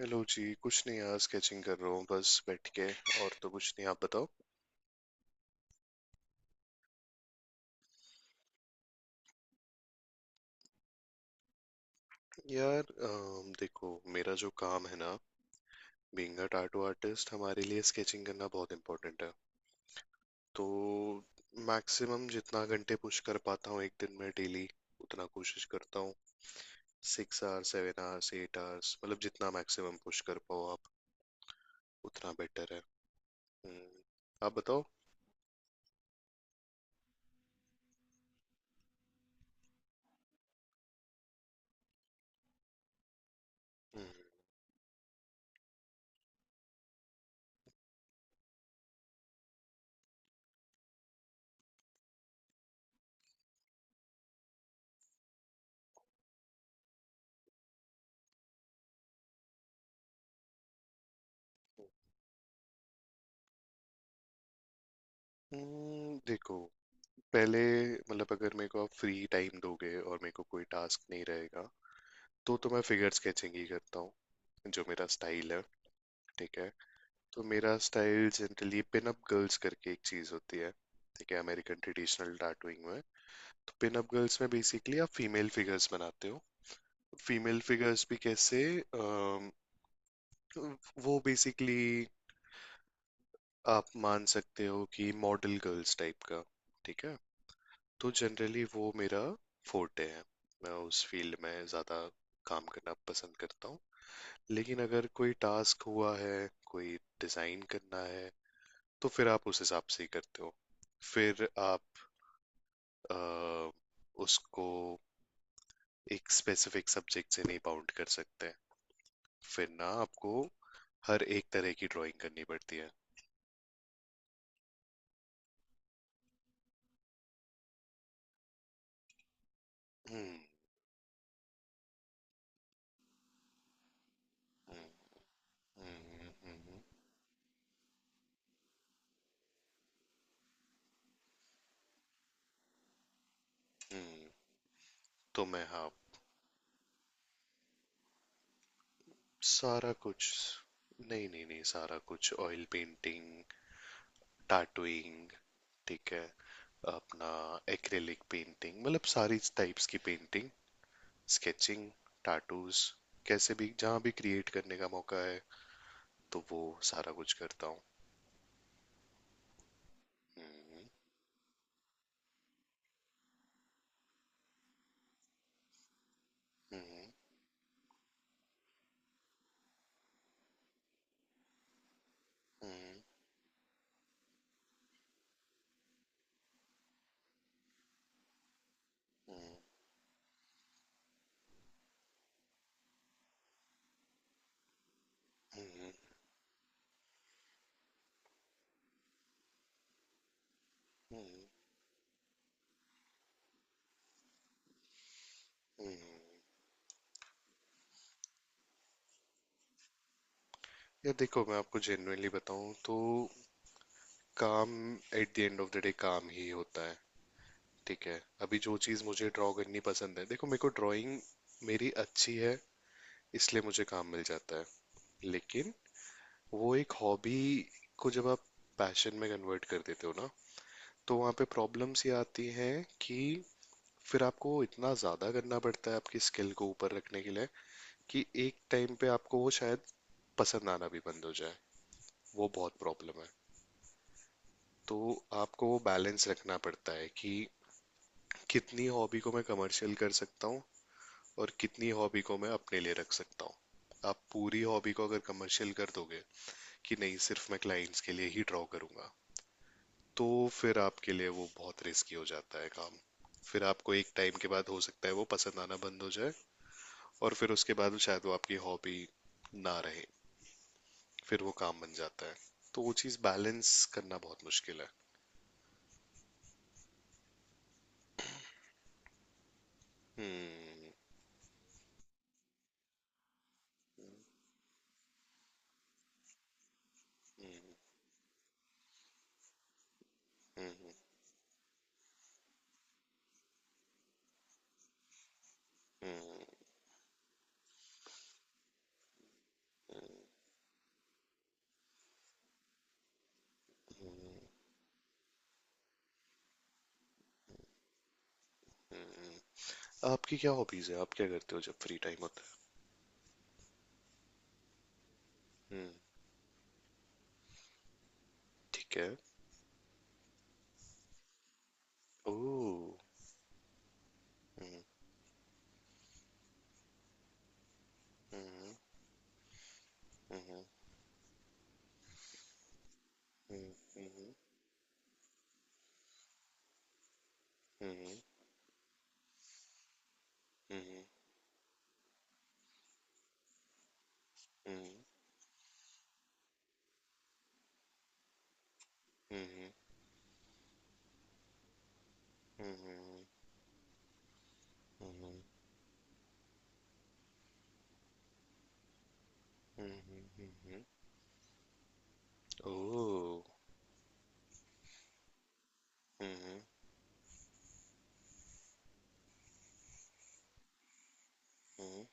Hello जी। कुछ नहीं यार, स्केचिंग कर रहा हूँ बस बैठ के। और तो कुछ नहीं, आप बताओ। यार, देखो, मेरा जो काम है ना, बीइंग अ टैटू आर्टिस्ट, हमारे लिए स्केचिंग करना बहुत इम्पोर्टेंट है। तो मैक्सिमम जितना घंटे पुश कर पाता हूँ एक दिन में डेली, उतना कोशिश करता हूँ। Six hours, seven hours, eight hours, मतलब जितना मैक्सिमम पुश कर पाओ आप, उतना बेटर है। हम्म। आप बताओ। हम्म। देखो। पहले, मतलब अगर मेरे को आप फ्री टाइम दोगे और मेरे को कोई टास्क नहीं रहेगा, तो मैं फिगर स्केचिंग ही करता हूँ। जो मेरा स्टाइल है। ठीक है। तो मेरा style generally pin up girls करके एक चीज होती है, ठीक है, अमेरिकन ट्रेडिशनल टाटूइंग में। तो पिन अप गर्ल्स में बेसिकली आप फीमेल फिगर्स बनाते हो। फीमेल फिगर्स भी कैसे? अम, वो बेसिकली, आप मान सकते हो कि मॉडल गर्ल्स टाइप का। ठीक है। तो जनरली वो मेरा फोर्टे है। मैं उस फील्ड में ज़्यादा काम करना पसंद करता हूँ। लेकिन अगर कोई टास्क हुआ है, कोई डिज़ाइन करना है, तो फिर आप उस हिसाब से ही करते हो। फिर आप अ, उसको एक स्पेसिफिक सब्जेक्ट से नहीं बाउंड कर सकते। फिर ना आपको हर एक तरह की ड्राइंग करनी पड़ती है। हम्म हम्म। हम्म हम्म, हम्म। हम्म। तो मैं, हाँ। सारा कुछ। नहीं नहीं नहीं, सारा कुछ, ऑयल पेंटिंग, टैटूइंग, ठीक है, अपना एक्रिलिक पेंटिंग, मतलब सारी टाइप्स की पेंटिंग, स्केचिंग, टैटूज, कैसे भी जहाँ भी क्रिएट करने का मौका है, तो वो सारा कुछ करता हूँ। हम्म। हम्म। हम्म। हम्म। हम्म। हम्म। हम्म। यार देखो, मैं आपको जेन्युइनली बताऊं तो, काम, at the end of the day, काम ही होता है। ठीक है। अभी जो चीज़ मुझे ड्रॉ करनी पसंद है, देखो, मेरे को ड्राइंग मेरी अच्छी है, इसलिए मुझे काम मिल जाता है। लेकिन वो एक हॉबी को जब आप पैशन में कन्वर्ट कर देते हो ना, तो वहाँ पे प्रॉब्लम्स ये आती हैं कि फिर आपको इतना ज़्यादा करना पड़ता है आपकी स्किल को ऊपर रखने के लिए, कि एक टाइम पे आपको वो शायद पसंद आना भी बंद हो जाए। वो बहुत प्रॉब्लम है। तो आपको वो बैलेंस रखना पड़ता है कि कितनी हॉबी को मैं कमर्शियल कर सकता हूँ और कितनी हॉबी को मैं अपने लिए रख सकता हूँ। आप पूरी हॉबी को अगर कमर्शियल कर दोगे कि नहीं, सिर्फ मैं क्लाइंट्स के लिए ही ड्रॉ करूंगा, तो फिर आपके लिए वो बहुत रिस्की हो जाता है काम। फिर आपको एक टाइम के बाद हो सकता है वो पसंद आना बंद हो जाए और फिर उसके बाद शायद वो आपकी हॉबी ना रहे, फिर वो काम बन जाता है। तो वो चीज़ बैलेंस करना बहुत मुश्किल है। हम्म हम्म, हम्म, हम्म, हम्म। आपकी क्या हॉबीज है? आप क्या करते हो जब फ्री टाइम होता है? हम्म। ठीक है। ओ। हम्म हम्म हम्म हम्म हम्म हम्म हम्म हम्म हम्म हम्म हम्म हम्म हम्म हम्म हम्म, ओह। हम्म हम्म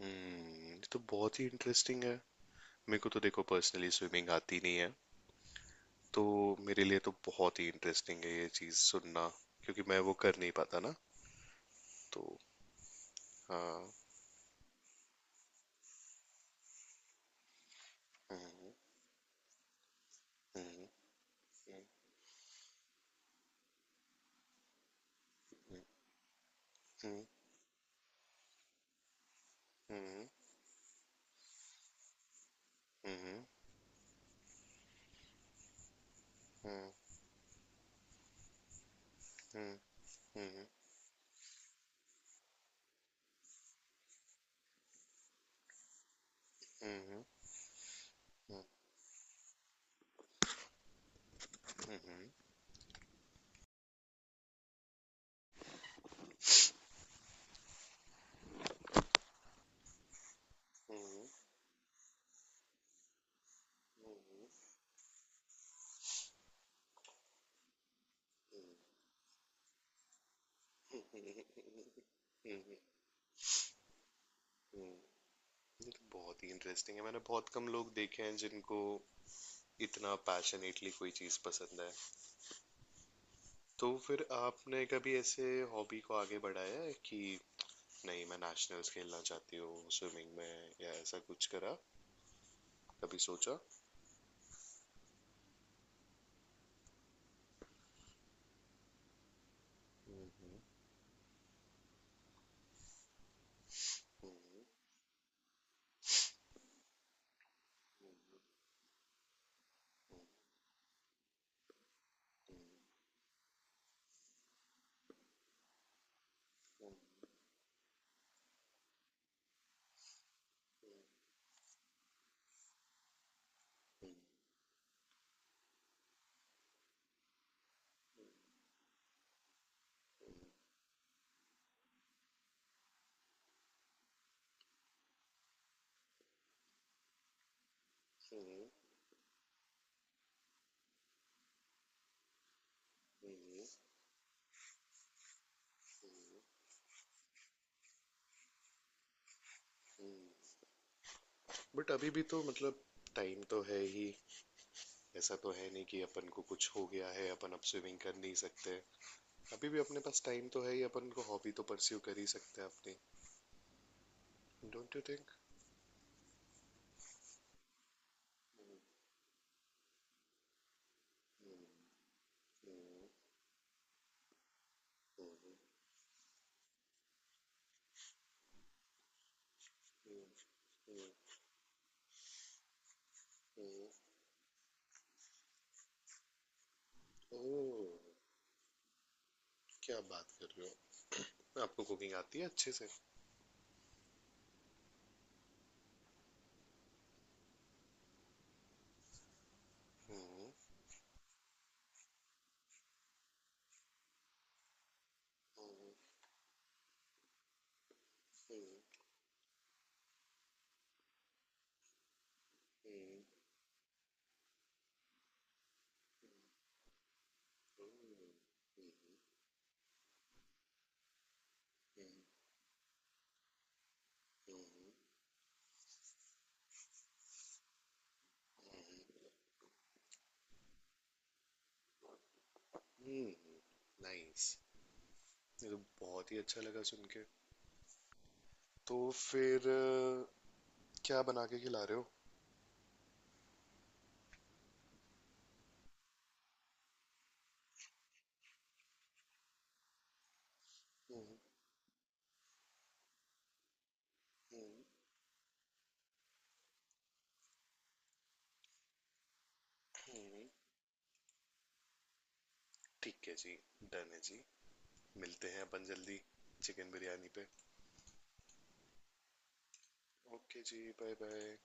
हम्म, ये तो बहुत ही इंटरेस्टिंग है। मेरे को तो देखो पर्सनली स्विमिंग आती नहीं है, तो मेरे लिए तो बहुत ही इंटरेस्टिंग है ये चीज सुनना, क्योंकि मैं वो कर नहीं पाता ना। तो हाँ। हम्म। हम्म हम्म हम्म हम्म हम्म हम्म हम्म हम्म, ये तो बहुत ही इंटरेस्टिंग है। मैंने बहुत कम लोग देखे हैं जिनको इतना पैशनेटली कोई चीज पसंद है। तो फिर आपने कभी ऐसे हॉबी को आगे बढ़ाया है कि नहीं, मैं नेशनल्स खेलना चाहती हूँ स्विमिंग में, या ऐसा कुछ करा? कभी सोचा? बट अभी भी तो मतलब, टाइम तो है ही। ऐसा तो है नहीं कि अपन को कुछ हो गया है, अपन अब स्विमिंग कर नहीं सकते। अभी भी अपने पास टाइम तो है ही, अपन को हॉबी तो परस्यू कर ही सकते हैं अपनी। Don't you think? ओह, क्या बात कर रहे हो! आपको कुकिंग आती है अच्छे से? हम्म। नाइस। ये तो बहुत ही अच्छा लगा सुन के। तो फिर क्या बना के खिला रहे हो? हम्म। हम्म। हम्म। ठीक है जी। डन है जी। मिलते हैं अपन जल्दी, चिकन बिरयानी पे। ओके जी। Bye bye.